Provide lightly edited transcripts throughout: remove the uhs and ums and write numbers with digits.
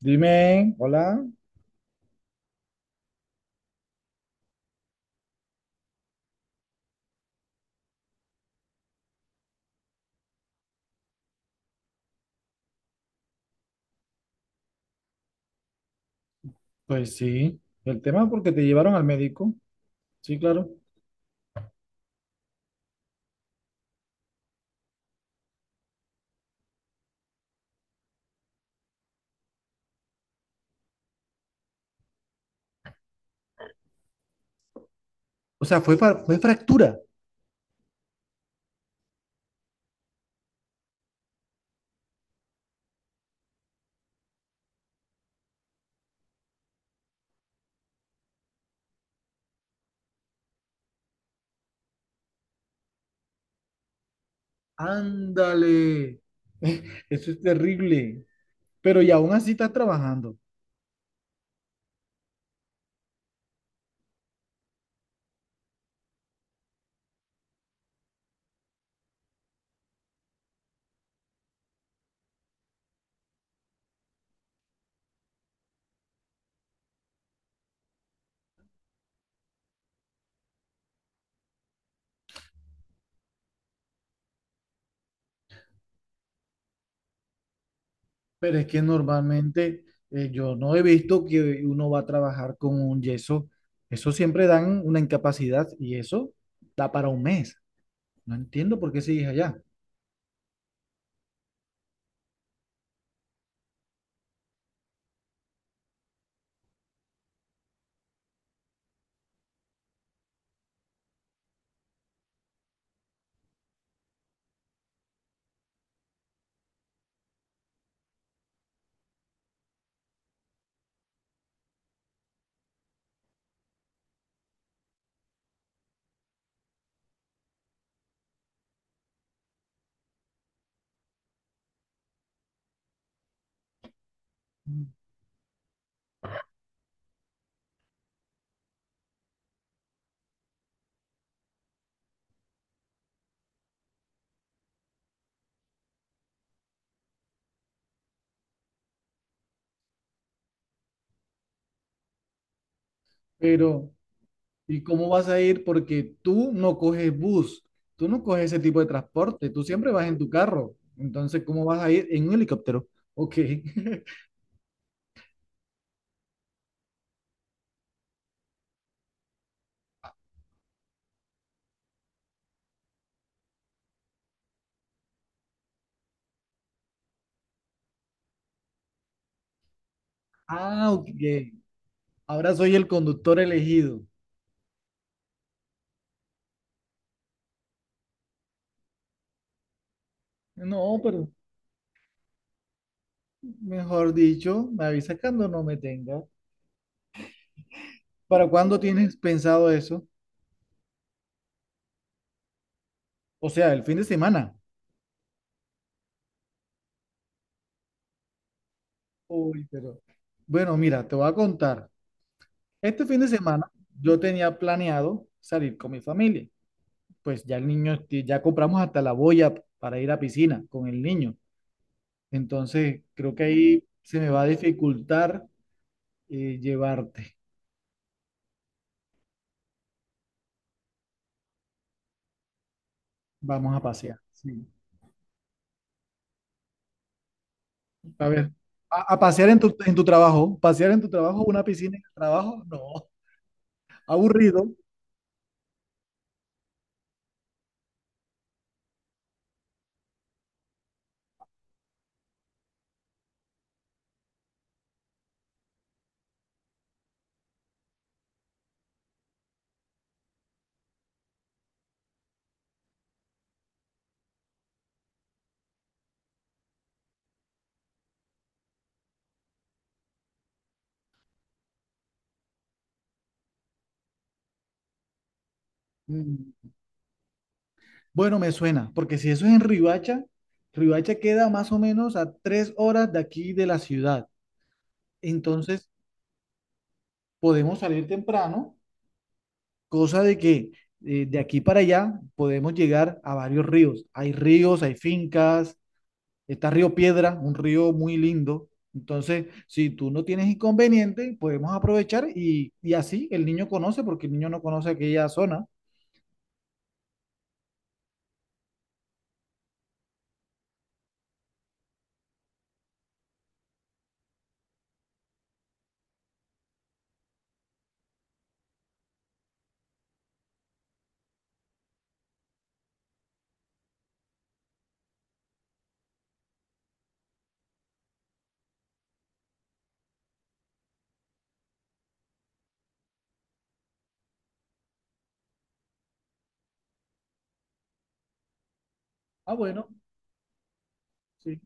Dime, hola. Pues sí, el tema porque te llevaron al médico. Sí, claro. O sea, fue fractura. Ándale. Eso es terrible. Pero y aún así estás trabajando. Pero es que normalmente yo no he visto que uno va a trabajar con un yeso. Eso siempre dan una incapacidad y eso da para un mes. No entiendo por qué sigues allá. Pero ¿y cómo vas a ir? Porque tú no coges bus, tú no coges ese tipo de transporte, tú siempre vas en tu carro. Entonces, ¿cómo vas a ir en un helicóptero? Ok. Ah, ok. Ahora soy el conductor elegido. No, pero mejor dicho, me avisas cuando no me tenga. ¿Para cuándo tienes pensado eso? O sea, el fin de semana. Uy, pero. Bueno, mira, te voy a contar. Este fin de semana yo tenía planeado salir con mi familia. Pues ya el niño, ya compramos hasta la boya para ir a piscina con el niño. Entonces, creo que ahí se me va a dificultar llevarte. Vamos a pasear. Sí. A ver, a pasear en en tu trabajo, pasear en tu trabajo, una piscina en el trabajo, no, aburrido. Mm. Bueno, me suena, porque si eso es en Ribacha, Ribacha queda más o menos a 3 horas de aquí de la ciudad. Entonces, podemos salir temprano, cosa de que de aquí para allá podemos llegar a varios ríos. Hay ríos, hay fincas, está Río Piedra, un río muy lindo. Entonces, si tú no tienes inconveniente, podemos aprovechar y así el niño conoce, porque el niño no conoce aquella zona. Ah, bueno, sí.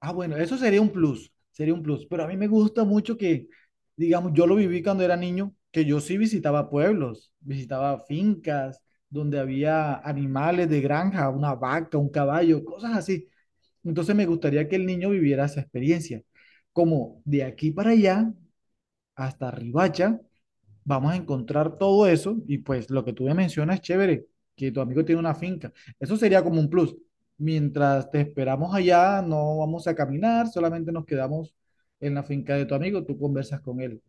Ah, bueno, eso sería un plus, sería un plus. Pero a mí me gusta mucho que, digamos, yo lo viví cuando era niño, que yo sí visitaba pueblos, visitaba fincas donde había animales de granja, una vaca, un caballo, cosas así. Entonces me gustaría que el niño viviera esa experiencia. Como de aquí para allá, hasta Ribacha, vamos a encontrar todo eso y pues lo que tú me mencionas es chévere, que tu amigo tiene una finca. Eso sería como un plus. Mientras te esperamos allá, no vamos a caminar, solamente nos quedamos en la finca de tu amigo, tú conversas con él.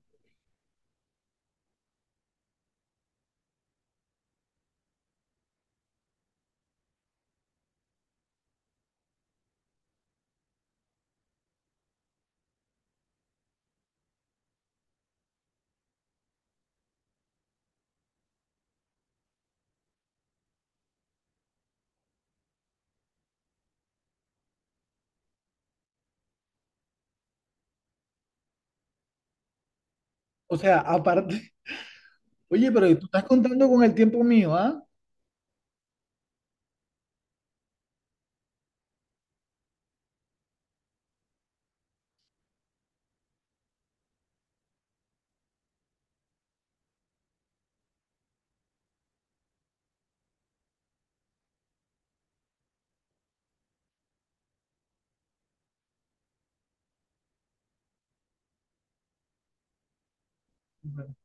O sea, aparte, oye, pero tú estás contando con el tiempo mío, ¿ah? Bueno,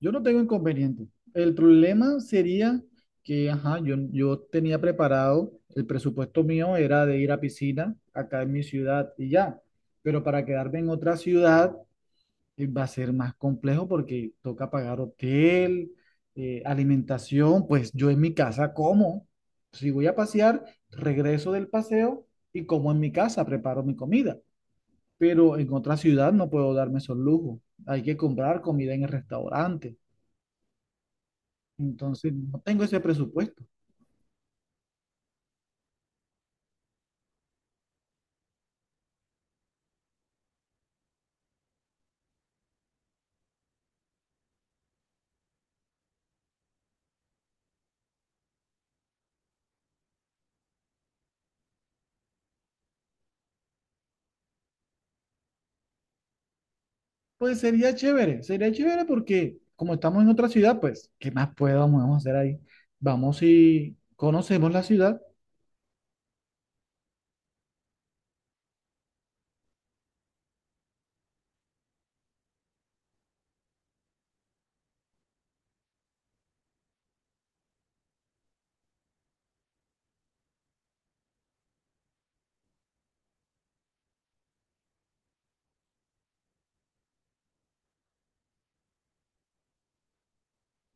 yo no tengo inconveniente. El problema sería que, ajá, yo tenía preparado, el presupuesto mío era de ir a piscina acá en mi ciudad y ya, pero para quedarme en otra ciudad va a ser más complejo porque toca pagar hotel, alimentación, pues yo en mi casa como. Si voy a pasear, regreso del paseo y como en mi casa, preparo mi comida. Pero en otra ciudad no puedo darme esos lujos. Hay que comprar comida en el restaurante. Entonces, no tengo ese presupuesto. Pues sería chévere porque como estamos en otra ciudad, pues, ¿qué más podemos hacer ahí? Vamos y conocemos la ciudad.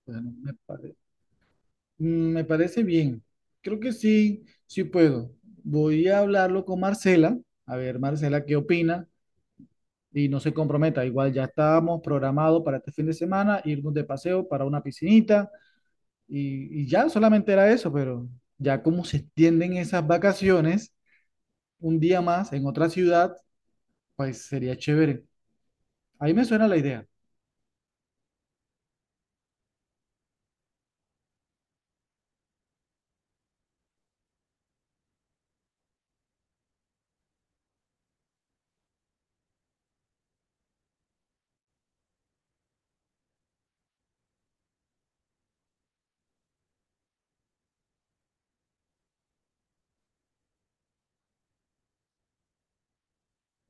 Bueno, me parece. Mm. Me parece bien. Creo que sí, sí puedo. Voy a hablarlo con Marcela. A ver, Marcela, ¿qué opina? Y no se comprometa. Igual ya estábamos programados para este fin de semana, irnos de paseo para una piscinita. Y ya solamente era eso, pero ya como se extienden esas vacaciones, un día más en otra ciudad, pues sería chévere. Ahí me suena la idea.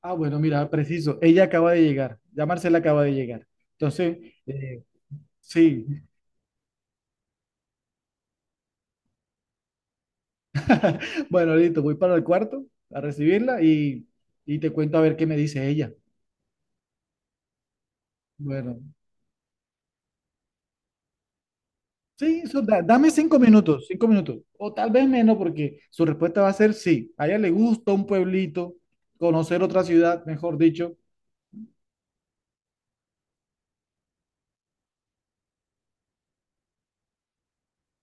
Ah, bueno, mira, preciso. Ella acaba de llegar. Ya Marcela acaba de llegar. Entonces, eh, sí. Bueno, listo, voy para el cuarto a recibirla y te cuento a ver qué me dice ella. Bueno, sí, eso dame 5 minutos, 5 minutos, o tal vez menos, porque su respuesta va a ser sí. A ella le gusta un pueblito, conocer otra ciudad, mejor dicho,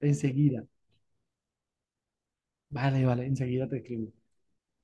enseguida. Vale, vale, enseguida te escribo.